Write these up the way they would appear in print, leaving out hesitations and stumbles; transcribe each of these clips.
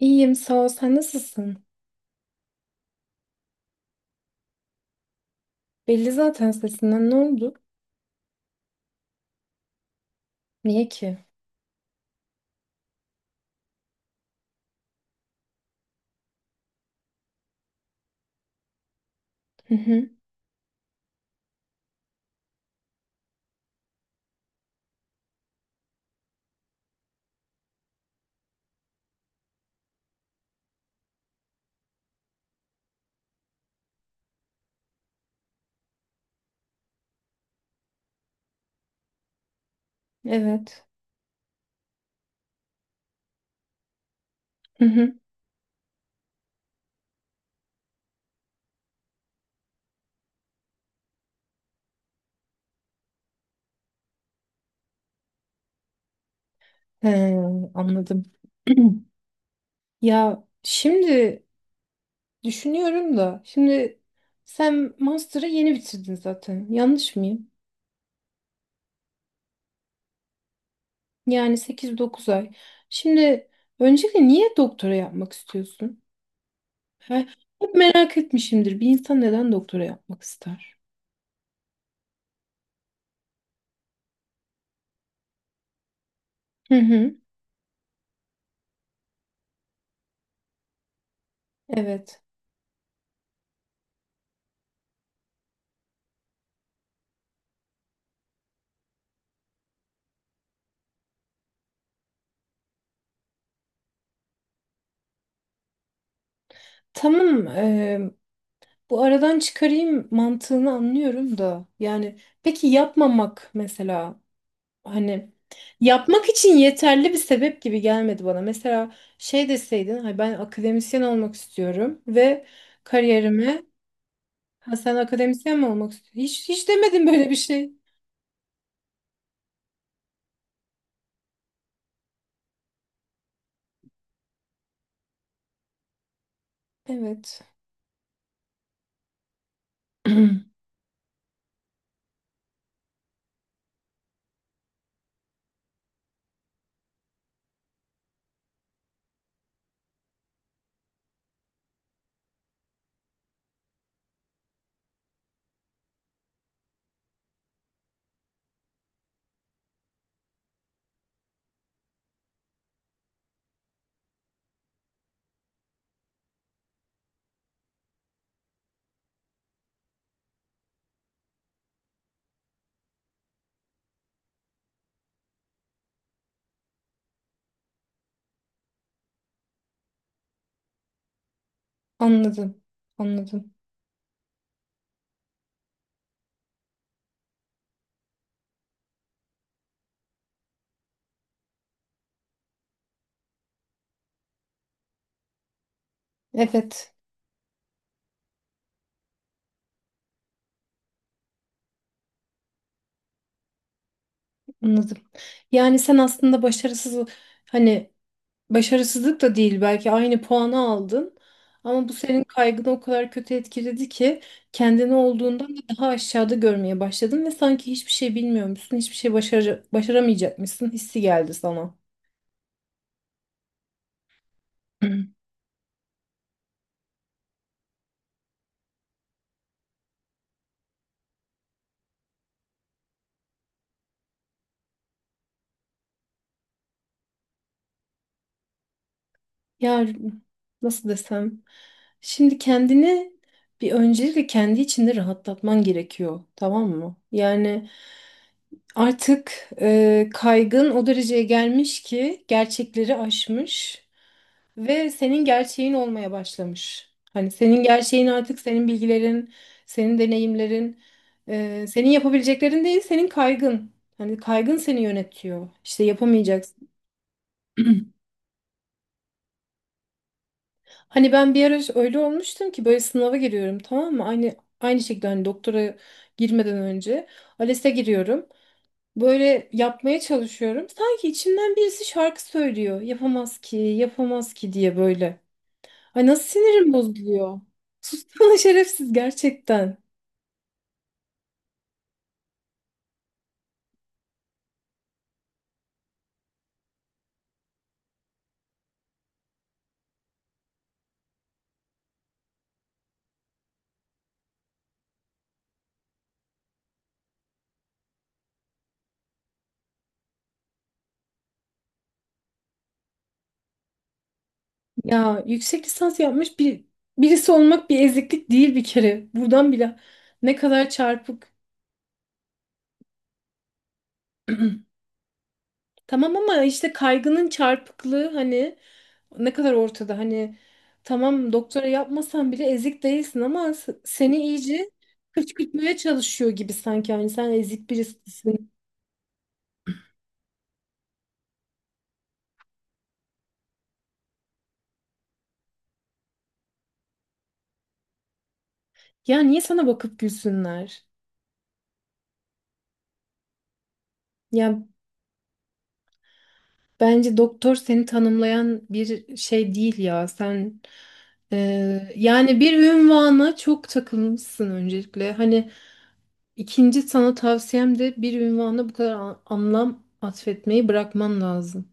İyiyim, sağ ol. Sen nasılsın? Belli zaten sesinden. Ne oldu? Niye ki? Hı hı. Evet. Hı hı. He, anladım. Ya şimdi düşünüyorum da şimdi sen master'ı yeni bitirdin zaten. Yanlış mıyım? Yani sekiz dokuz ay. Şimdi öncelikle niye doktora yapmak istiyorsun? He, hep merak etmişimdir. Bir insan neden doktora yapmak ister? Hı hı. Evet. Tamam. Bu aradan çıkarayım mantığını anlıyorum da. Yani peki yapmamak mesela hani yapmak için yeterli bir sebep gibi gelmedi bana. Mesela şey deseydin "Hayır, ben akademisyen olmak istiyorum ve kariyerime ha sen akademisyen mi olmak istiyorsun? Hiç, hiç demedin böyle bir şey. Evet. Anladım. Anladım. Evet. Anladım. Yani sen aslında başarısız hani başarısızlık da değil belki aynı puanı aldın ama bu senin kaygını o kadar kötü etkiledi ki kendini olduğundan da daha aşağıda görmeye başladın ve sanki hiçbir şey bilmiyormuşsun, hiçbir şey başaramayacakmışsın hissi geldi sana. Ya nasıl desem? Şimdi kendini bir öncelikle kendi içinde rahatlatman gerekiyor, tamam mı? Yani artık kaygın o dereceye gelmiş ki gerçekleri aşmış. Ve senin gerçeğin olmaya başlamış. Hani senin gerçeğin artık senin bilgilerin, senin deneyimlerin, senin yapabileceklerin değil, senin kaygın. Hani kaygın seni yönetiyor. İşte yapamayacaksın. Hani ben bir ara öyle olmuştum ki böyle sınava giriyorum tamam mı? Aynı şekilde hani doktora girmeden önce ALES'e giriyorum. Böyle yapmaya çalışıyorum. Sanki içimden birisi şarkı söylüyor. Yapamaz ki, yapamaz ki diye böyle. Ay nasıl sinirim bozuluyor. Sussana şerefsiz gerçekten. Ya yüksek lisans yapmış bir birisi olmak bir eziklik değil bir kere. Buradan bile ne kadar çarpık. Tamam ama işte kaygının çarpıklığı hani ne kadar ortada. Hani tamam doktora yapmasan bile ezik değilsin ama seni iyice kışkırtmaya çalışıyor gibi sanki. Hani sen ezik birisisin. Ya niye sana bakıp gülsünler? Ya bence doktor seni tanımlayan bir şey değil ya. Sen yani bir ünvana çok takılmışsın öncelikle. Hani ikinci sana tavsiyem de bir ünvana bu kadar anlam atfetmeyi bırakman lazım.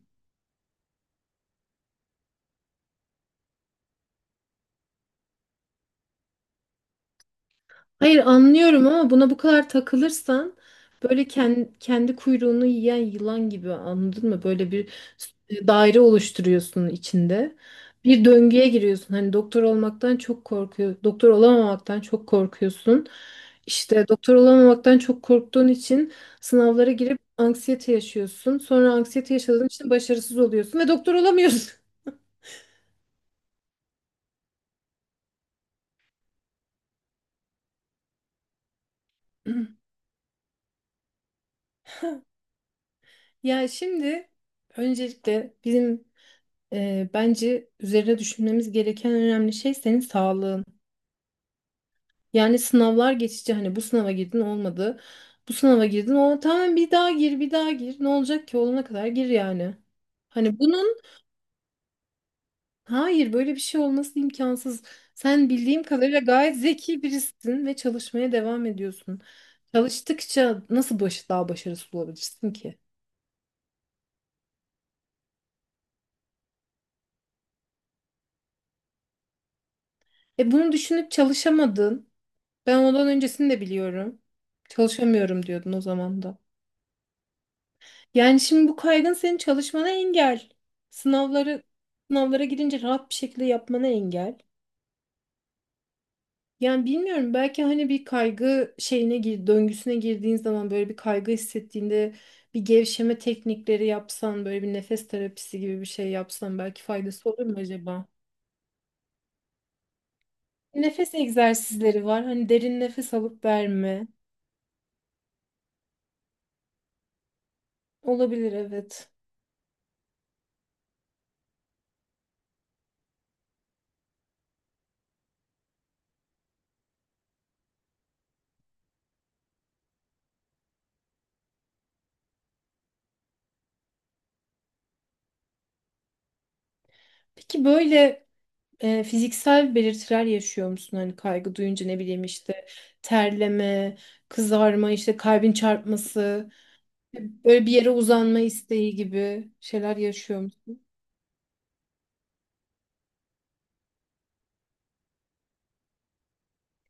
Hayır anlıyorum ama buna bu kadar takılırsan böyle kendi kuyruğunu yiyen yılan gibi anladın mı? Böyle bir daire oluşturuyorsun içinde. Bir döngüye giriyorsun. Hani doktor olmaktan çok korkuyor. Doktor olamamaktan çok korkuyorsun. İşte doktor olamamaktan çok korktuğun için sınavlara girip anksiyete yaşıyorsun. Sonra anksiyete yaşadığın için başarısız oluyorsun ve doktor olamıyorsun. Ya şimdi öncelikle bizim bence üzerine düşünmemiz gereken önemli şey senin sağlığın. Yani sınavlar geçici hani bu sınava girdin olmadı. Bu sınava girdin o tamam bir daha gir bir daha gir. Ne olacak ki olana kadar gir yani. Hani bunun hayır böyle bir şey olması imkansız. Sen bildiğim kadarıyla gayet zeki birisin ve çalışmaya devam ediyorsun. Çalıştıkça nasıl daha başarısız olabilirsin ki? E bunu düşünüp çalışamadın. Ben ondan öncesini de biliyorum. Çalışamıyorum diyordun o zaman da. Yani şimdi bu kaygın senin çalışmana engel. Sınavları sınavlara girince rahat bir şekilde yapmana engel. Yani bilmiyorum belki hani bir kaygı şeyine döngüsüne girdiğin zaman böyle bir kaygı hissettiğinde bir gevşeme teknikleri yapsan, böyle bir nefes terapisi gibi bir şey yapsan belki faydası olur mu acaba? Nefes egzersizleri var. Hani derin nefes alıp verme. Olabilir evet. Peki böyle fiziksel belirtiler yaşıyor musun? Hani kaygı duyunca ne bileyim işte terleme, kızarma, işte kalbin çarpması, böyle bir yere uzanma isteği gibi şeyler yaşıyor musun?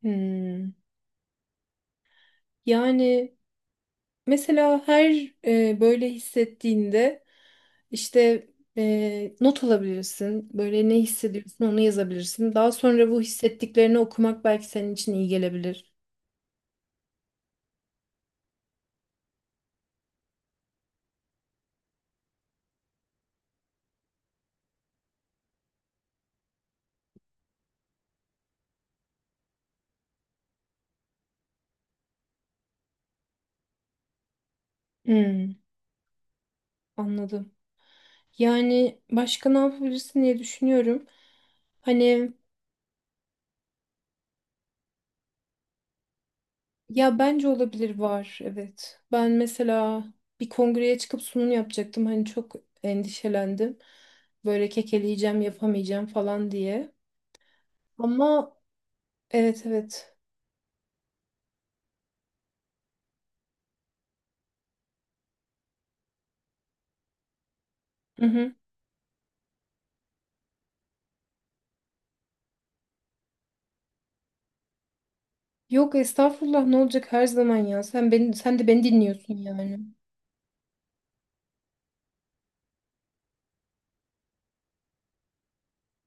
Hmm. Yani mesela her böyle hissettiğinde işte not alabilirsin. Böyle ne hissediyorsun onu yazabilirsin. Daha sonra bu hissettiklerini okumak belki senin için iyi gelebilir. Hmm, anladım. Yani başka ne yapabilirsin diye düşünüyorum. Hani ya bence olabilir var evet. Ben mesela bir kongreye çıkıp sunum yapacaktım. Hani çok endişelendim. Böyle kekeleyeceğim yapamayacağım falan diye. Ama evet evet. Hı hı. Yok estağfurullah ne olacak her zaman ya. Sen beni sen de beni dinliyorsun yani.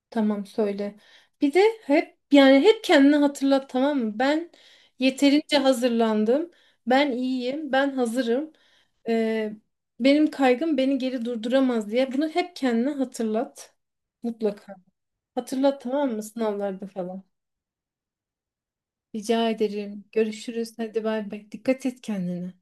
Tamam söyle. Bir de hep yani hep kendini hatırlat tamam mı? Ben yeterince hazırlandım. Ben iyiyim. Ben hazırım. Ee, benim kaygım beni geri durduramaz diye. Bunu hep kendine hatırlat. Mutlaka. Hatırlat tamam mı? Sınavlarda falan. Rica ederim. Görüşürüz. Hadi bay bay. Dikkat et kendine.